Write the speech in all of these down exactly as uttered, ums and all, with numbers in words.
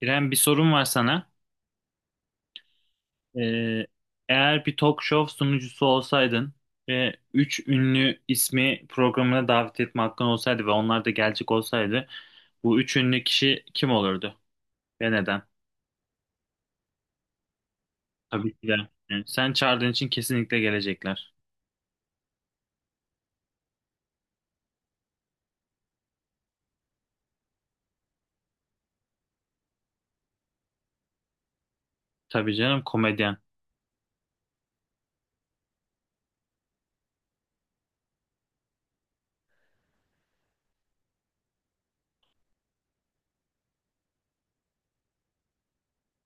İrem bir sorum var sana. Ee, Eğer bir talk show sunucusu olsaydın ve üç ünlü ismi programına davet etme hakkın olsaydı ve onlar da gelecek olsaydı bu üç ünlü kişi kim olurdu ve neden? Tabii ki de. Yani sen çağırdığın için kesinlikle gelecekler. Tabii canım, komedyen.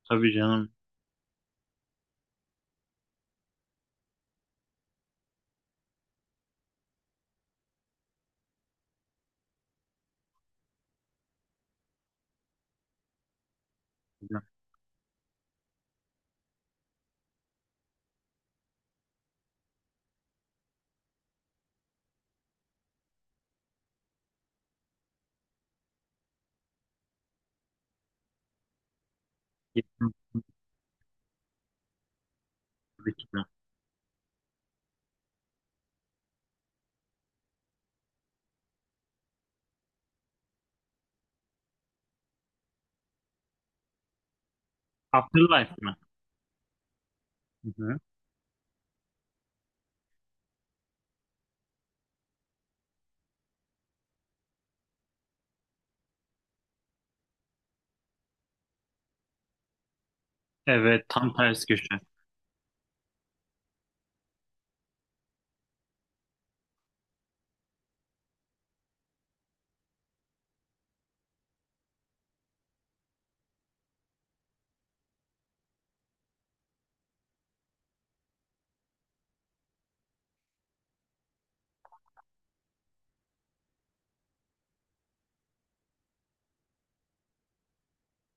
Tabii canım. Tabii ki de. Afterlife mi? Hı hı. Evet, tam ters köşe.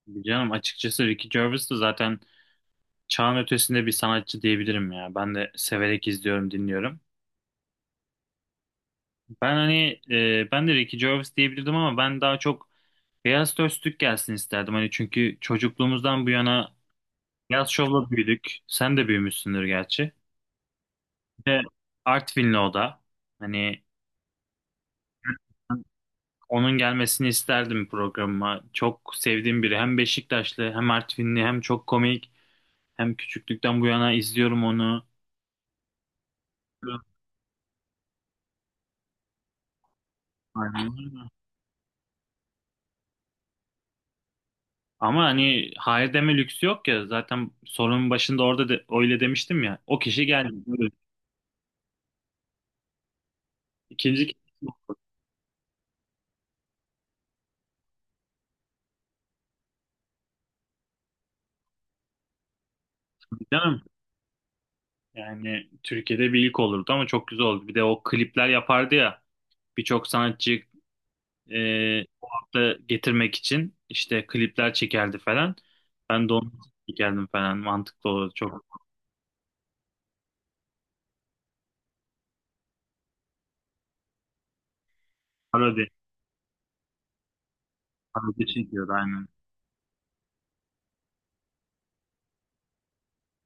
Tabii canım, açıkçası Ricky Gervais de zaten çağın ötesinde bir sanatçı diyebilirim ya. Ben de severek izliyorum, dinliyorum. Ben hani e, ben de Ricky Gervais diyebilirdim ama ben daha çok Beyaz Töz gelsin isterdim. Hani çünkü çocukluğumuzdan bu yana Beyaz Şov'la büyüdük. Sen de büyümüşsündür gerçi. Bir de Artvinli o da. Hani onun gelmesini isterdim programıma. Çok sevdiğim biri. Hem Beşiktaşlı, hem Artvinli, hem çok komik. Hem küçüklükten bu yana izliyorum onu. Ama hani hayır deme lüksü yok ya. Zaten sorunun başında orada da öyle demiştim ya. O kişi geldi. Buyurun. İkinci kişi oldu canım. Yani Türkiye'de bir ilk olurdu ama çok güzel oldu. Bir de o klipler yapardı ya. Birçok sanatçı e, o hafta getirmek için işte klipler çekerdi falan. Ben de onu çekerdim falan. Mantıklı olurdu. Çok parodi. Parodi çekiyordu aynen.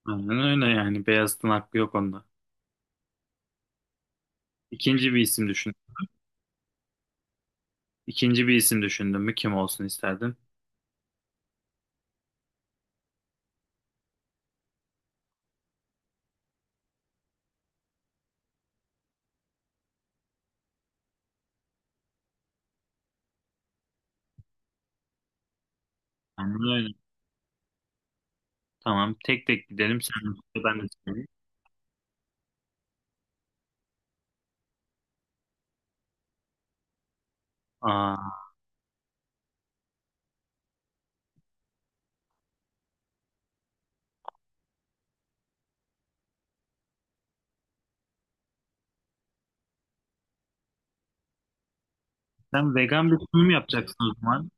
Aynen öyle yani. Beyazıt'ın hakkı yok onda. İkinci bir isim düşün. İkinci bir isim düşündün mü, kim olsun isterdin? Aynen öyle. Tamam. Tek tek gidelim. Sen de ben de söyleyeyim. Aa, sen vegan bir sunum yapacaksın o zaman.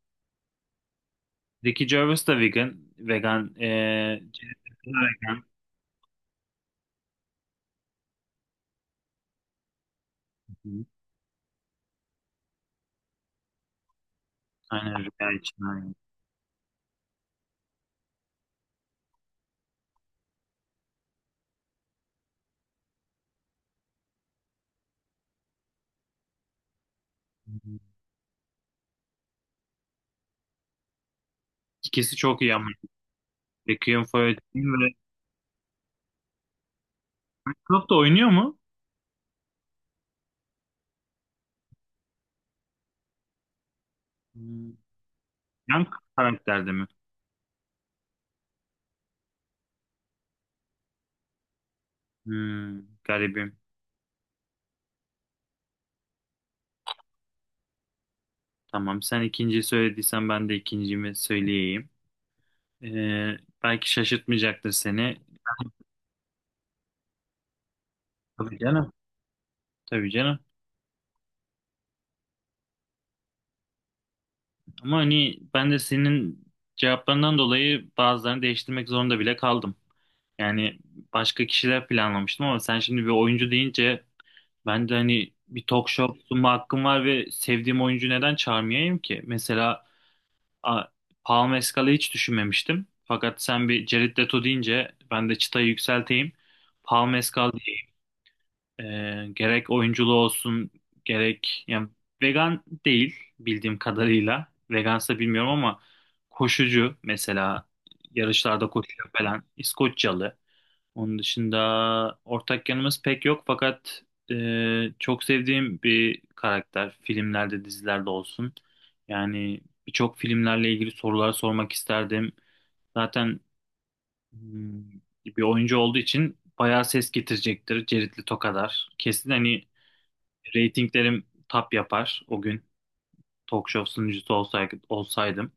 Ricky Gervais da vegan. Vegan. Ee, Jennifer Lopez de vegan. Hı. Aynen rüya için. Aynen. Hı hı. İkisi çok iyi ama. Requiem for a Dream ve Fight Club da oynuyor mu? Hmm. Yan karakterde mi? Hmm, garibim. Tamam. Sen ikinciyi söylediysen ben de ikincimi söyleyeyim. Ee, Belki şaşırtmayacaktır seni. Tabii canım. Tabii canım. Ama hani ben de senin cevaplarından dolayı bazılarını değiştirmek zorunda bile kaldım. Yani başka kişiler planlamıştım ama sen şimdi bir oyuncu deyince ben de hani bir talk show sunma hakkım var ve sevdiğim oyuncu neden çağırmayayım ki? Mesela a, Paul Mescal'ı hiç düşünmemiştim. Fakat sen bir Jared Leto deyince ben de çıtayı yükselteyim. Paul Mescal, e, gerek oyunculuğu olsun, gerek yani vegan değil bildiğim kadarıyla. Vegansa bilmiyorum ama koşucu mesela, yarışlarda koşuyor falan. İskoçyalı. Onun dışında ortak yanımız pek yok fakat e, çok sevdiğim bir karakter filmlerde dizilerde olsun. Yani birçok filmlerle ilgili sorular sormak isterdim. Zaten hmm, bir oyuncu olduğu için bayağı ses getirecektir Jared Leto kadar. Kesin hani ratinglerim tap yapar o gün. Talk show sunucusu olsaydı, olsaydım.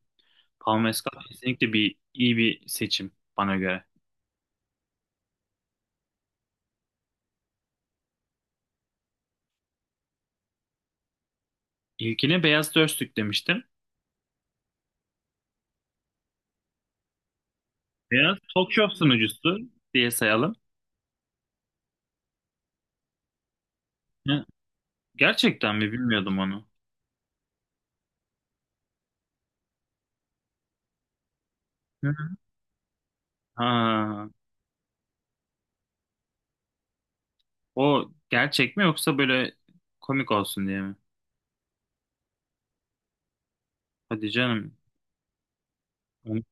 Paul Mescal kesinlikle bir iyi bir seçim bana göre. İlkine Beyaz Dörstük demiştim. Beyaz talk show sunucusu diye sayalım. Hı, gerçekten mi, bilmiyordum onu. Hı hı. Ha, o gerçek mi yoksa böyle komik olsun diye mi? Hadi canım. Hı,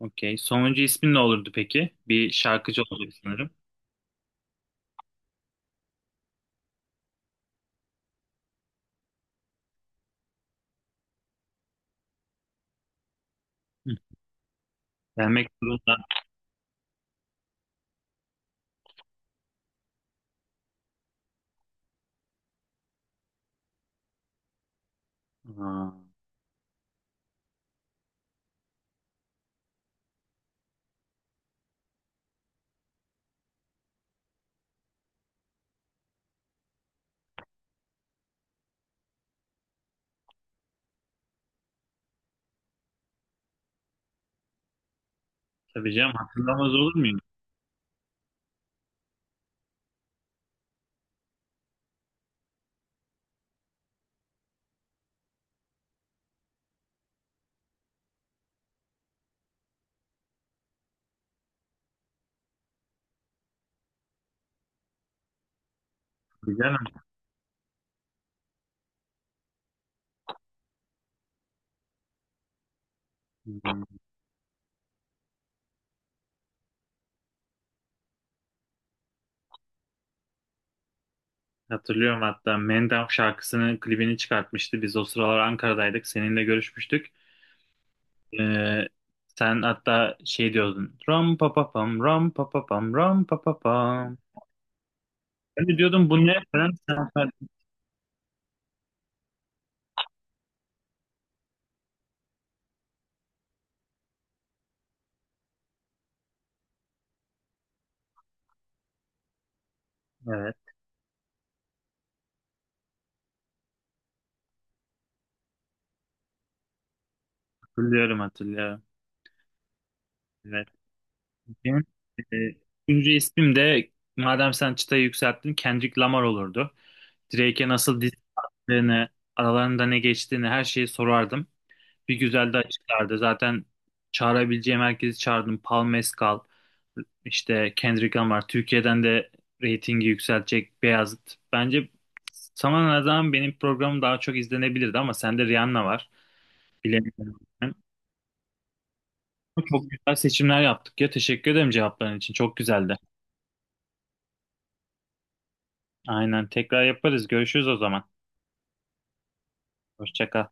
okey. Sonuncu ismin ne olurdu peki? Bir şarkıcı olurdu sanırım. Hı. Gelmek zorunda. Ha, tabii canım, hatırlamaz olur muyum? Tabii canım. Hmm. Hatırlıyorum, hatta Mendam şarkısının klibini çıkartmıştı. Biz o sıralar Ankara'daydık. Seninle görüşmüştük. Ee, Sen hatta şey diyordun. Ram pa pa pam, ram pa pa pam, ram pa pa pam. Ben de diyordum bu ne falan. Sen- sen- Evet, hatırlıyorum hatırlıyorum. Evet. Benim, e, Üçüncü ismim de madem sen çıtayı yükselttin Kendrick Lamar olurdu. Drake'e nasıl diss attığını, aralarında ne geçtiğini her şeyi sorardım. Bir güzel de açıklardı. Zaten çağırabileceğim herkesi çağırdım. Paul Mescal, işte Kendrick Lamar. Türkiye'den de reytingi yükseltecek Beyazıt. Bence sana ne zaman benim programım daha çok izlenebilirdi ama sende Rihanna var. Bilemiyorum ben. Ama çok güzel seçimler yaptık ya. Teşekkür ederim cevapların için. Çok güzeldi. Aynen. Tekrar yaparız. Görüşürüz o zaman. Hoşça kal.